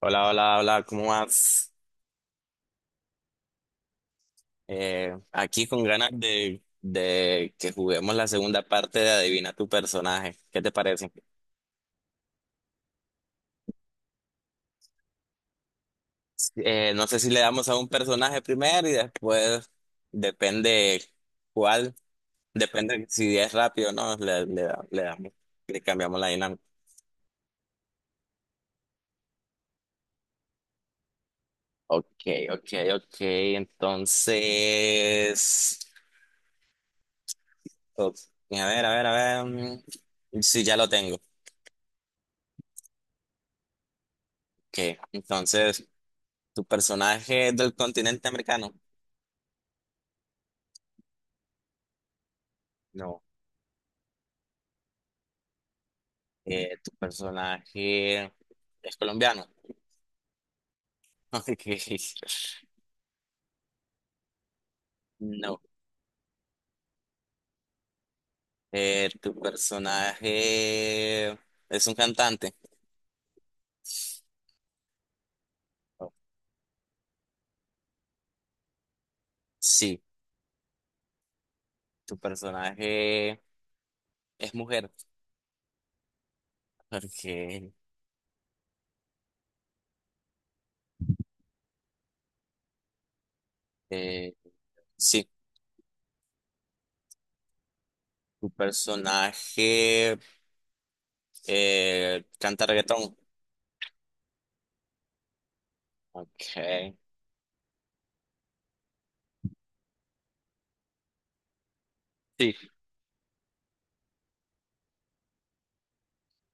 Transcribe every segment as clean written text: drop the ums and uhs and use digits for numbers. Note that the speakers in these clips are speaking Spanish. Hola, hola, hola, ¿cómo vas? Aquí con ganas de que juguemos la segunda parte de Adivina tu personaje. ¿Qué te parece? No sé si le damos a un personaje primero y después depende cuál, depende si es rápido o no, le damos, le cambiamos la dinámica. Ok, ok, ok, entonces, ok, a ver, a ver, a ver, mm, sí, ya lo tengo. Ok, entonces, ¿tu personaje es del continente americano? No. ¿Tu personaje es colombiano? Ok. No. ¿Tu personaje es un cantante? No. Sí. ¿Tu personaje es mujer? Ok. Eh, sí. ¿Tu personaje canta reggaetón? Ok. Sí.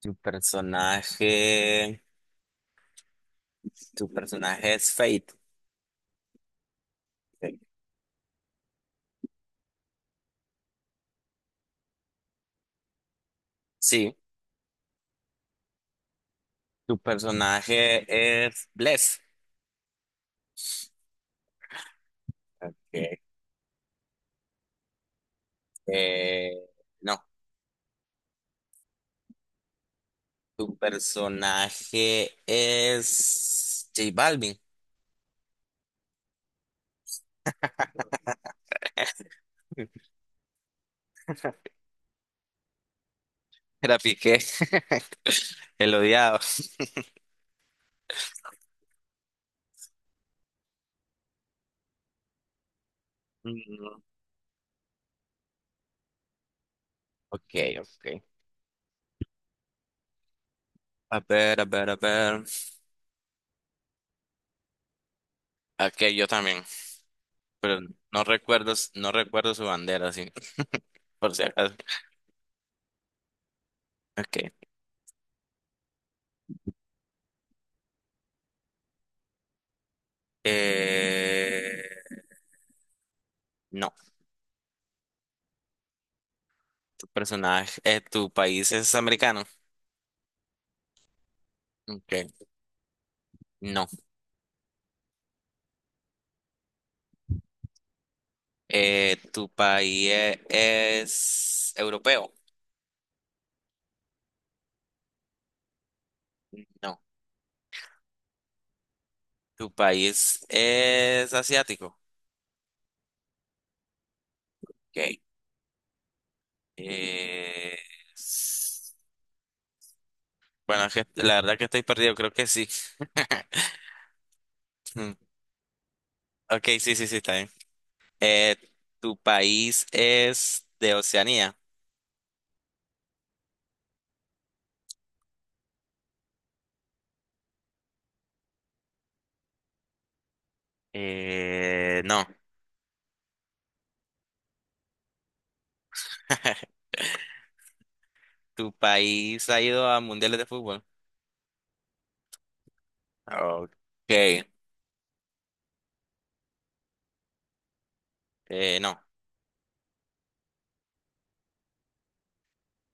¿Tu personaje, ¿Tu personaje es Fate? Ok. Sí. Tu personaje es Bless. Okay. Eh, no, tu personaje es J Balvin. Era Piqué, el odiado. Mm, ok, ok. A ver, a ver, a ver. Ok, yo también, pero no recuerdo su bandera, sí, por si acaso. Ok. Eh, no, tu país es americano. Ok, no. ¿Tu país es europeo? No. ¿Tu país es asiático? Ok. Eh, s- bueno, es que la verdad que estoy perdido, creo que sí. Mm, ok, sí, sí, sí, está bien. Eh, ¿Tu país es de Oceanía? No. ¿Tu país ha ido a mundiales de fútbol? Ok. No.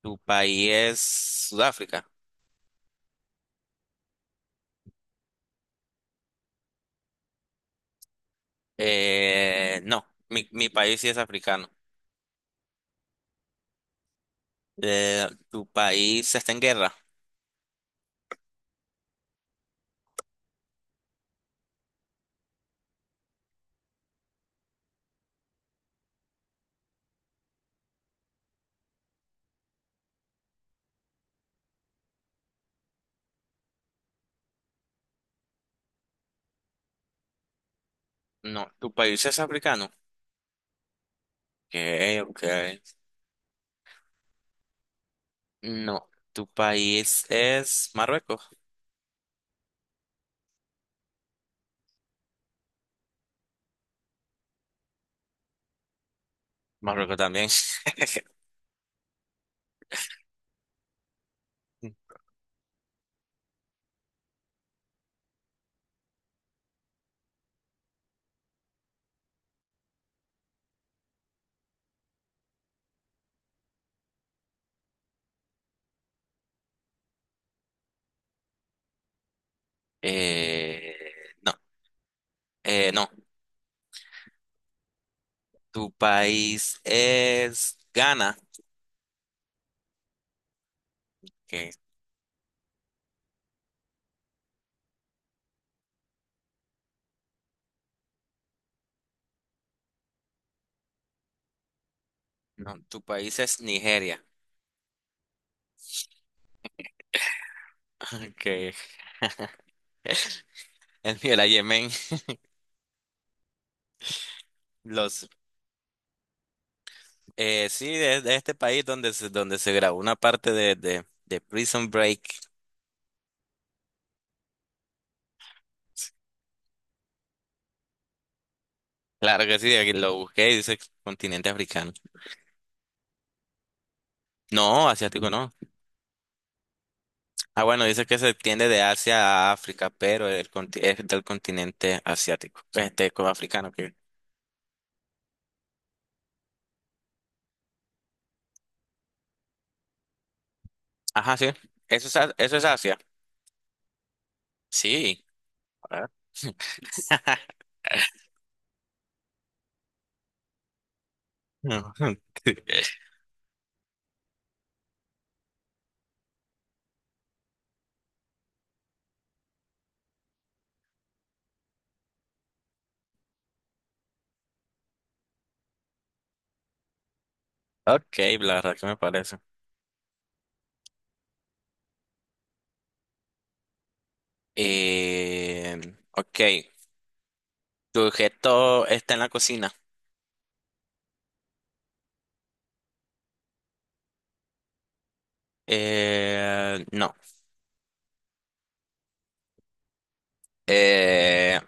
¿Tu país es Sudáfrica? No, mi país sí es africano. ¿Tu país está en guerra? No, ¿tu país es africano? Ok, ok. No, ¿tu país es Marruecos? Marruecos también. Eh, no, no, ¿tu país es Ghana? Ok, no, ¿tu país es Nigeria? Ok, el mío era Yemen. Los sí, de este país donde se grabó una parte de Prison Break. Claro que sí, aquí lo busqué y dice continente africano. No, asiático no. Ah, bueno, dice que se extiende de Asia a África, pero el, conti- es del continente asiático. Este, como africano. Que... Ajá, sí. Eso es, A- eso es Asia. Sí. Ah. No. Ok, la verdad que me parece. Eh, ok, tu objeto está en la cocina. No. Eh,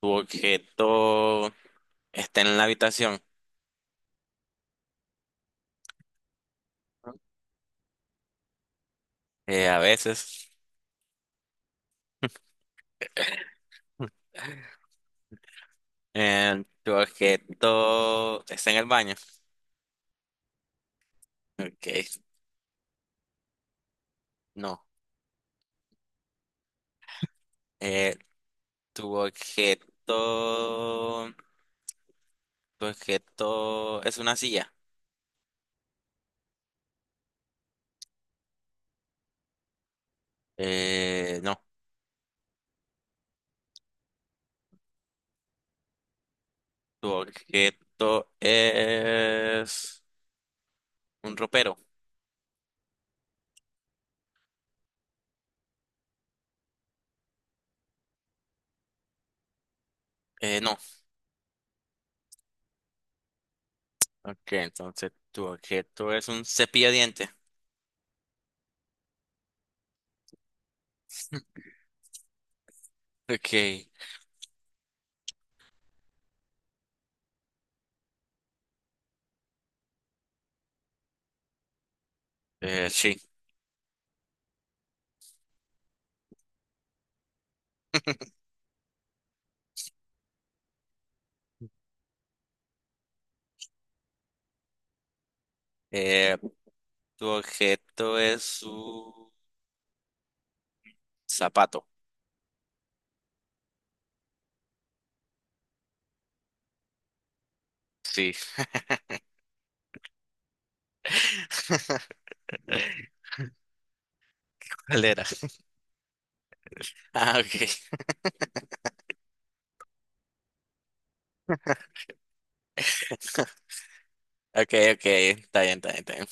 Tu objeto está en la habitación. A veces. Tu objeto está en el baño. Ok, no. Eh, tu objeto. Tu objeto es una silla. No. Tu objeto es un ropero. No. Ok, entonces tu objeto es un cepillo de dientes. Ok, sí. Eh, Tu objeto es un zapato. Sí. ¿Cuál era? Ah, ok. Ok, ok. Está bien, está bien, está bien.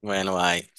Bueno, bye.